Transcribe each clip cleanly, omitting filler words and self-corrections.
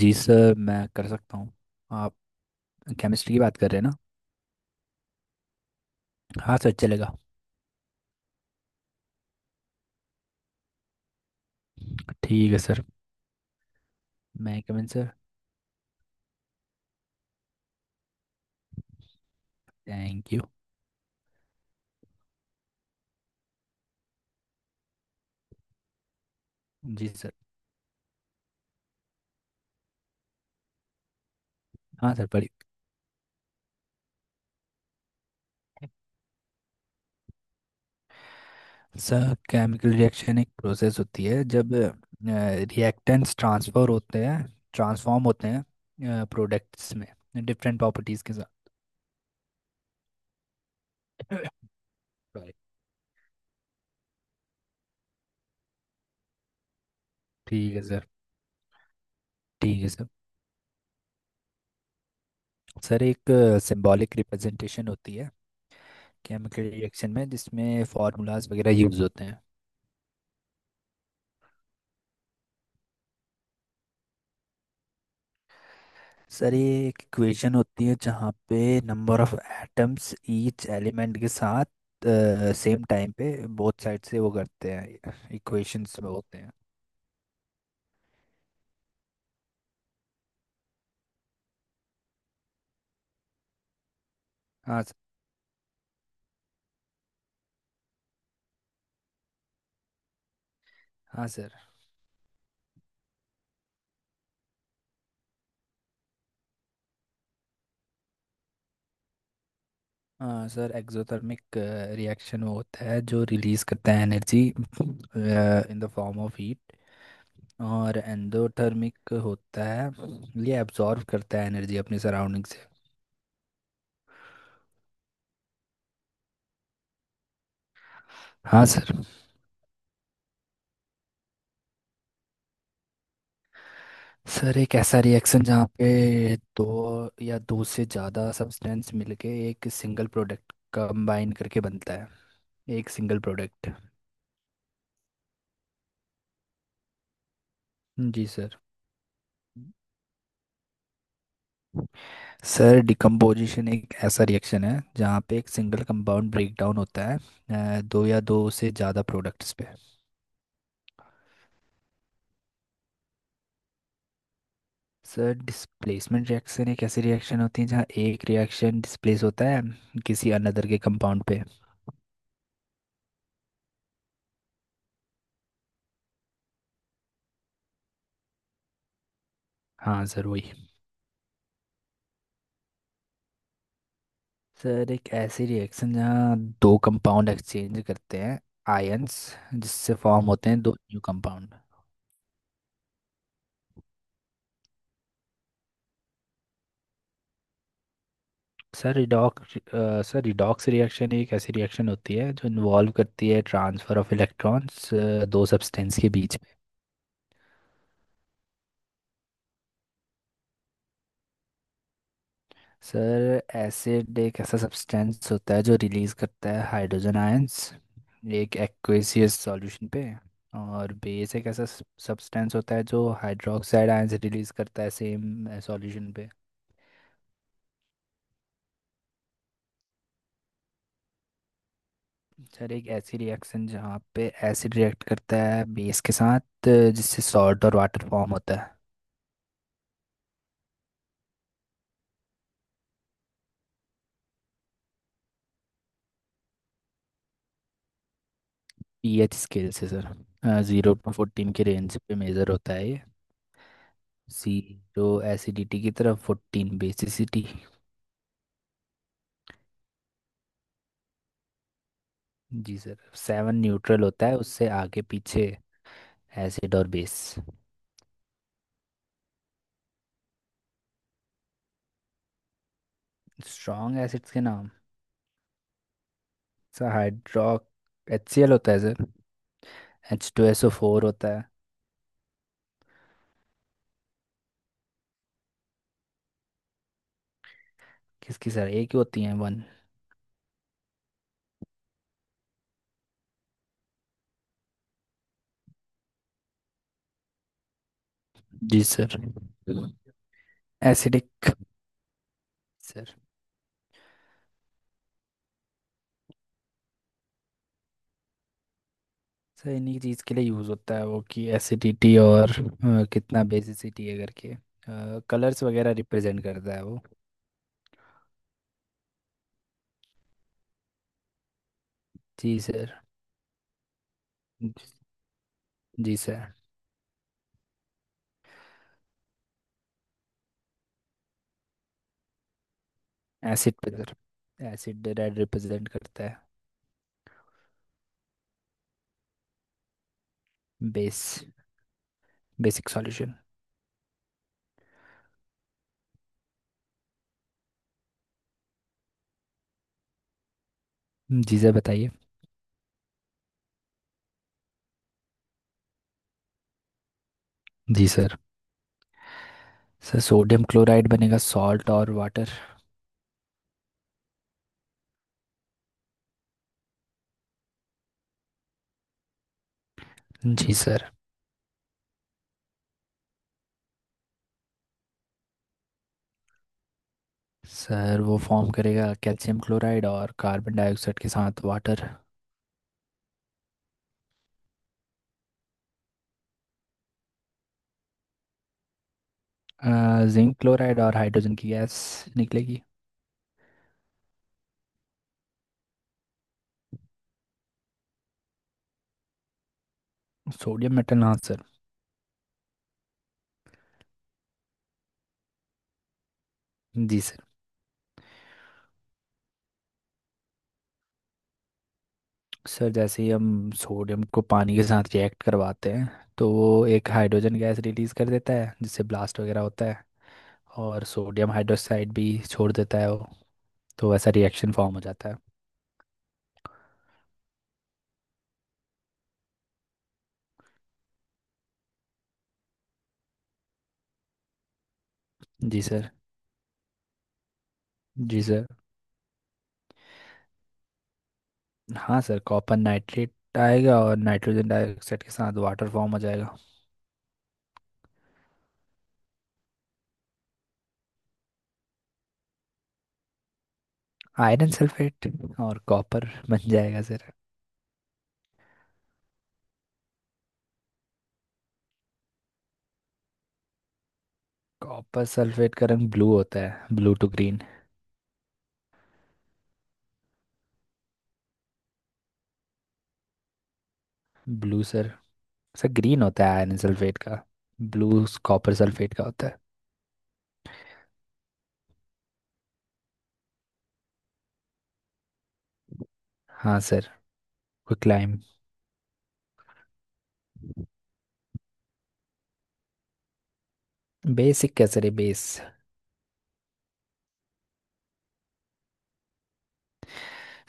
जी sir, मैं कर सकता हूँ। आप केमिस्ट्री की बात कर रहे हैं ना। हाँ सर, चलेगा। ठीक है सर। मैं कमिन सर। Thank you. जी सर। हाँ सर, पढ़िए। सर केमिकल रिएक्शन एक प्रोसेस होती है जब रिएक्टेंट्स ट्रांसफर होते हैं, ट्रांसफॉर्म होते हैं प्रोडक्ट्स में, डिफरेंट प्रॉपर्टीज़ के साथ। Sorry. ठीक है सर। ठीक है सर सर एक सिंबॉलिक रिप्रेजेंटेशन होती है केमिकल रिएक्शन में, जिसमें फार्मूलाज वगैरह यूज़ होते हैं। सर ये एक इक्वेशन होती है जहाँ पे number of atoms each element के साथ सेम टाइम पे बोथ साइड से वो करते हैं इक्वेशंस में होते हैं। हाँ सर। हाँ सर। हाँ सर, एक्सोथर्मिक रिएक्शन वो होता है जो रिलीज करता है energy in the form of heat. और एंडोथर्मिक होता है, ये एब्जॉर्ब करता है एनर्जी अपनी सराउंडिंग से। हाँ सर। सर एक ऐसा रिएक्शन जहाँ पे दो या दो से ज़्यादा सब्सटेंस मिलके एक सिंगल प्रोडक्ट कंबाइन करके बनता है, एक सिंगल प्रोडक्ट। जी सर। सर डिकम्पोजिशन एक ऐसा रिएक्शन है जहाँ पे एक सिंगल कंपाउंड ब्रेक डाउन होता है दो या दो से ज़्यादा प्रोडक्ट्स पे। सर डिस्प्लेसमेंट रिएक्शन एक ऐसी रिएक्शन होती है जहाँ एक रिएक्शन डिस्प्लेस होता है किसी अनदर के कंपाउंड पे। हाँ सर, वही। सर एक ऐसी रिएक्शन जहाँ दो कंपाउंड एक्सचेंज करते हैं आयंस, जिससे फॉर्म होते हैं दो new compound. Sir redox sir redox reaction एक ऐसी रिएक्शन होती है जो इन्वॉल्व करती है ट्रांसफर ऑफ इलेक्ट्रॉन्स, दो सब्सटेंस के बीच में। सर एसिड एक ऐसा सब्सटेंस होता है जो रिलीज करता है हाइड्रोजन आयंस एक एक्वेसियस सॉल्यूशन पे। और बेस एक ऐसा सब्सटेंस होता है जो हाइड्रोक्साइड आयंस रिलीज करता है सेम सॉल्यूशन पे। सर एक ऐसी रिएक्शन जहाँ पे एसिड रिएक्ट करता है बेस के साथ, जिससे सॉल्ट और वाटर फॉर्म होता है। पीएच स्केल से सर। 0 से 14 के रेंज पे मेजर होता है ये। जीरो एसिडिटी की तरफ, 14 बेसिसिटी। जी सर। 7 न्यूट्रल होता है, उससे आगे पीछे एसिड और बेस। स्ट्रॉन्ग एसिड्स के नाम। Sir hydro H C L होता है sir. H two S O four होता है। किसकी सर, एक ही होती है, 1। जी सर। Acidic sir. सर इन्हीं चीज़ के लिए यूज़ होता है वो, कि एसिडिटी और कितना बेसिसिटी है करके। कलर्स वगैरह रिप्रेजेंट करता है वो। जी सर। जी सर। एसिड पे सर। एसिड रेड रिप्रेजेंट करता है। Base, basic solution. जी सर, बताइए। जी सर। सर सोडियम क्लोराइड बनेगा, सॉल्ट और वाटर। जी सर। सर वो फॉर्म करेगा कैल्शियम क्लोराइड और कार्बन डाइऑक्साइड के साथ वाटर। जिंक क्लोराइड और हाइड्रोजन की गैस निकलेगी। सोडियम मेटल, हाँ सर। जी सर। सर जैसे ही हम सोडियम को पानी के साथ रिएक्ट करवाते हैं, तो वो एक हाइड्रोजन गैस रिलीज़ कर देता है जिससे ब्लास्ट वगैरह होता है। और सोडियम हाइड्रोक्साइड भी छोड़ देता है वो। तो वैसा रिएक्शन फॉर्म हो जाता है। जी सर। जी सर। हाँ सर, कॉपर नाइट्रेट आएगा और नाइट्रोजन डाइऑक्साइड के साथ वाटर फॉर्म हो जाएगा। आयरन सल्फेट और कॉपर बन जाएगा सर। कॉपर सल्फेट का रंग ब्लू होता है, blue to green. Blue sir. Sir green होता है आयरन सल्फेट का, ब्लू कॉपर सल्फेट का होता है। हाँ सर, क्विकलाइम। बेसिक, क्या सर, ये बेस।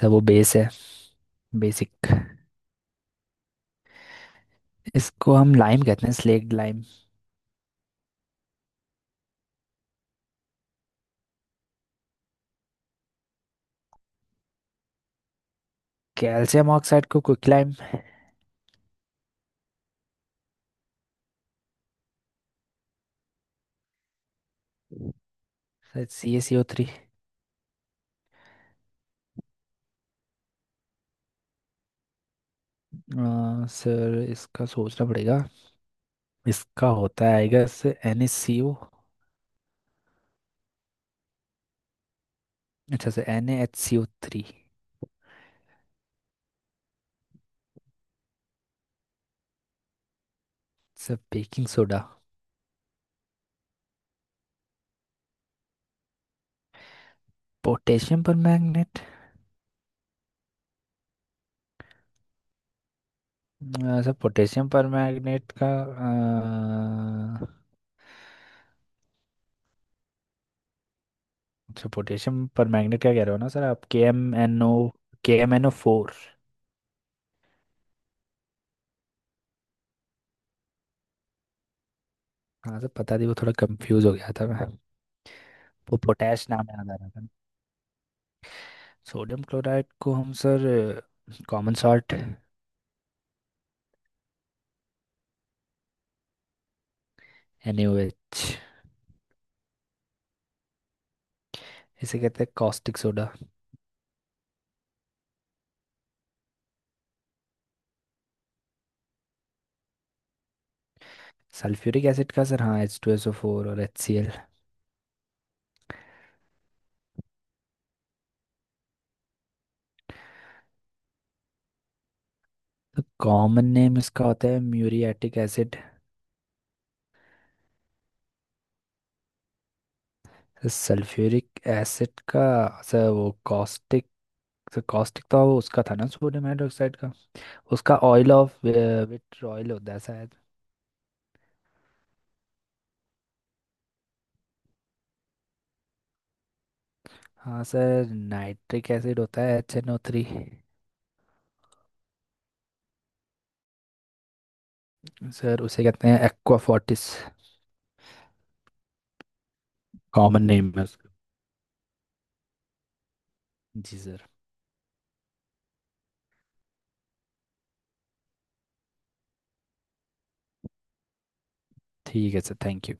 सर वो बेस है, बेसिक। इसको हम लाइम कहते हैं, स्लेक्ट लाइम। कैल्शियम ऑक्साइड को quicklime. Sir C A C O 3। Uh, sir इसका सोचना पड़ेगा। इसका होता है, आएगा sir, N H C O. अच्छा sir, N A H C O 3। Sir baking soda. Potassium permanganate. Sir potassium permanganate का। अच्छा पोटेशियम पर मैग्नेट क्या कह रहे हो ना सर आप, K M N O. K M N ओ 4। हाँ सर, पता नहीं, वो थोड़ा कंफ्यूज हो गया था मैं। वो पोटेश नाम याद आ रहा था। सोडियम क्लोराइड को हम sir common salt. N A O H. इसे कहते हैं कॉस्टिक सोडा। सल्फ्यूरिक एसिड का सर हाँ एच टू एस ओ 4, और एच सी एल। तो कॉमन नेम इसका होता है म्यूरियाटिक एसिड। सल्फ्यूरिक एसिड का, सर वो कॉस्टिक। सर कॉस्टिक तो वो उसका था ना, सोडियम हाइड्रोक्साइड का। उसका ऑयल ऑफ विट्रॉयल होता है शायद। हाँ सर, नाइट्रिक एसिड होता है एच एन ओ 3। सर उसे कहते हैं एक्वा फोर्टिस। कॉमन नेम है उसका। जी सर। ठीक है सर, थैंक यू।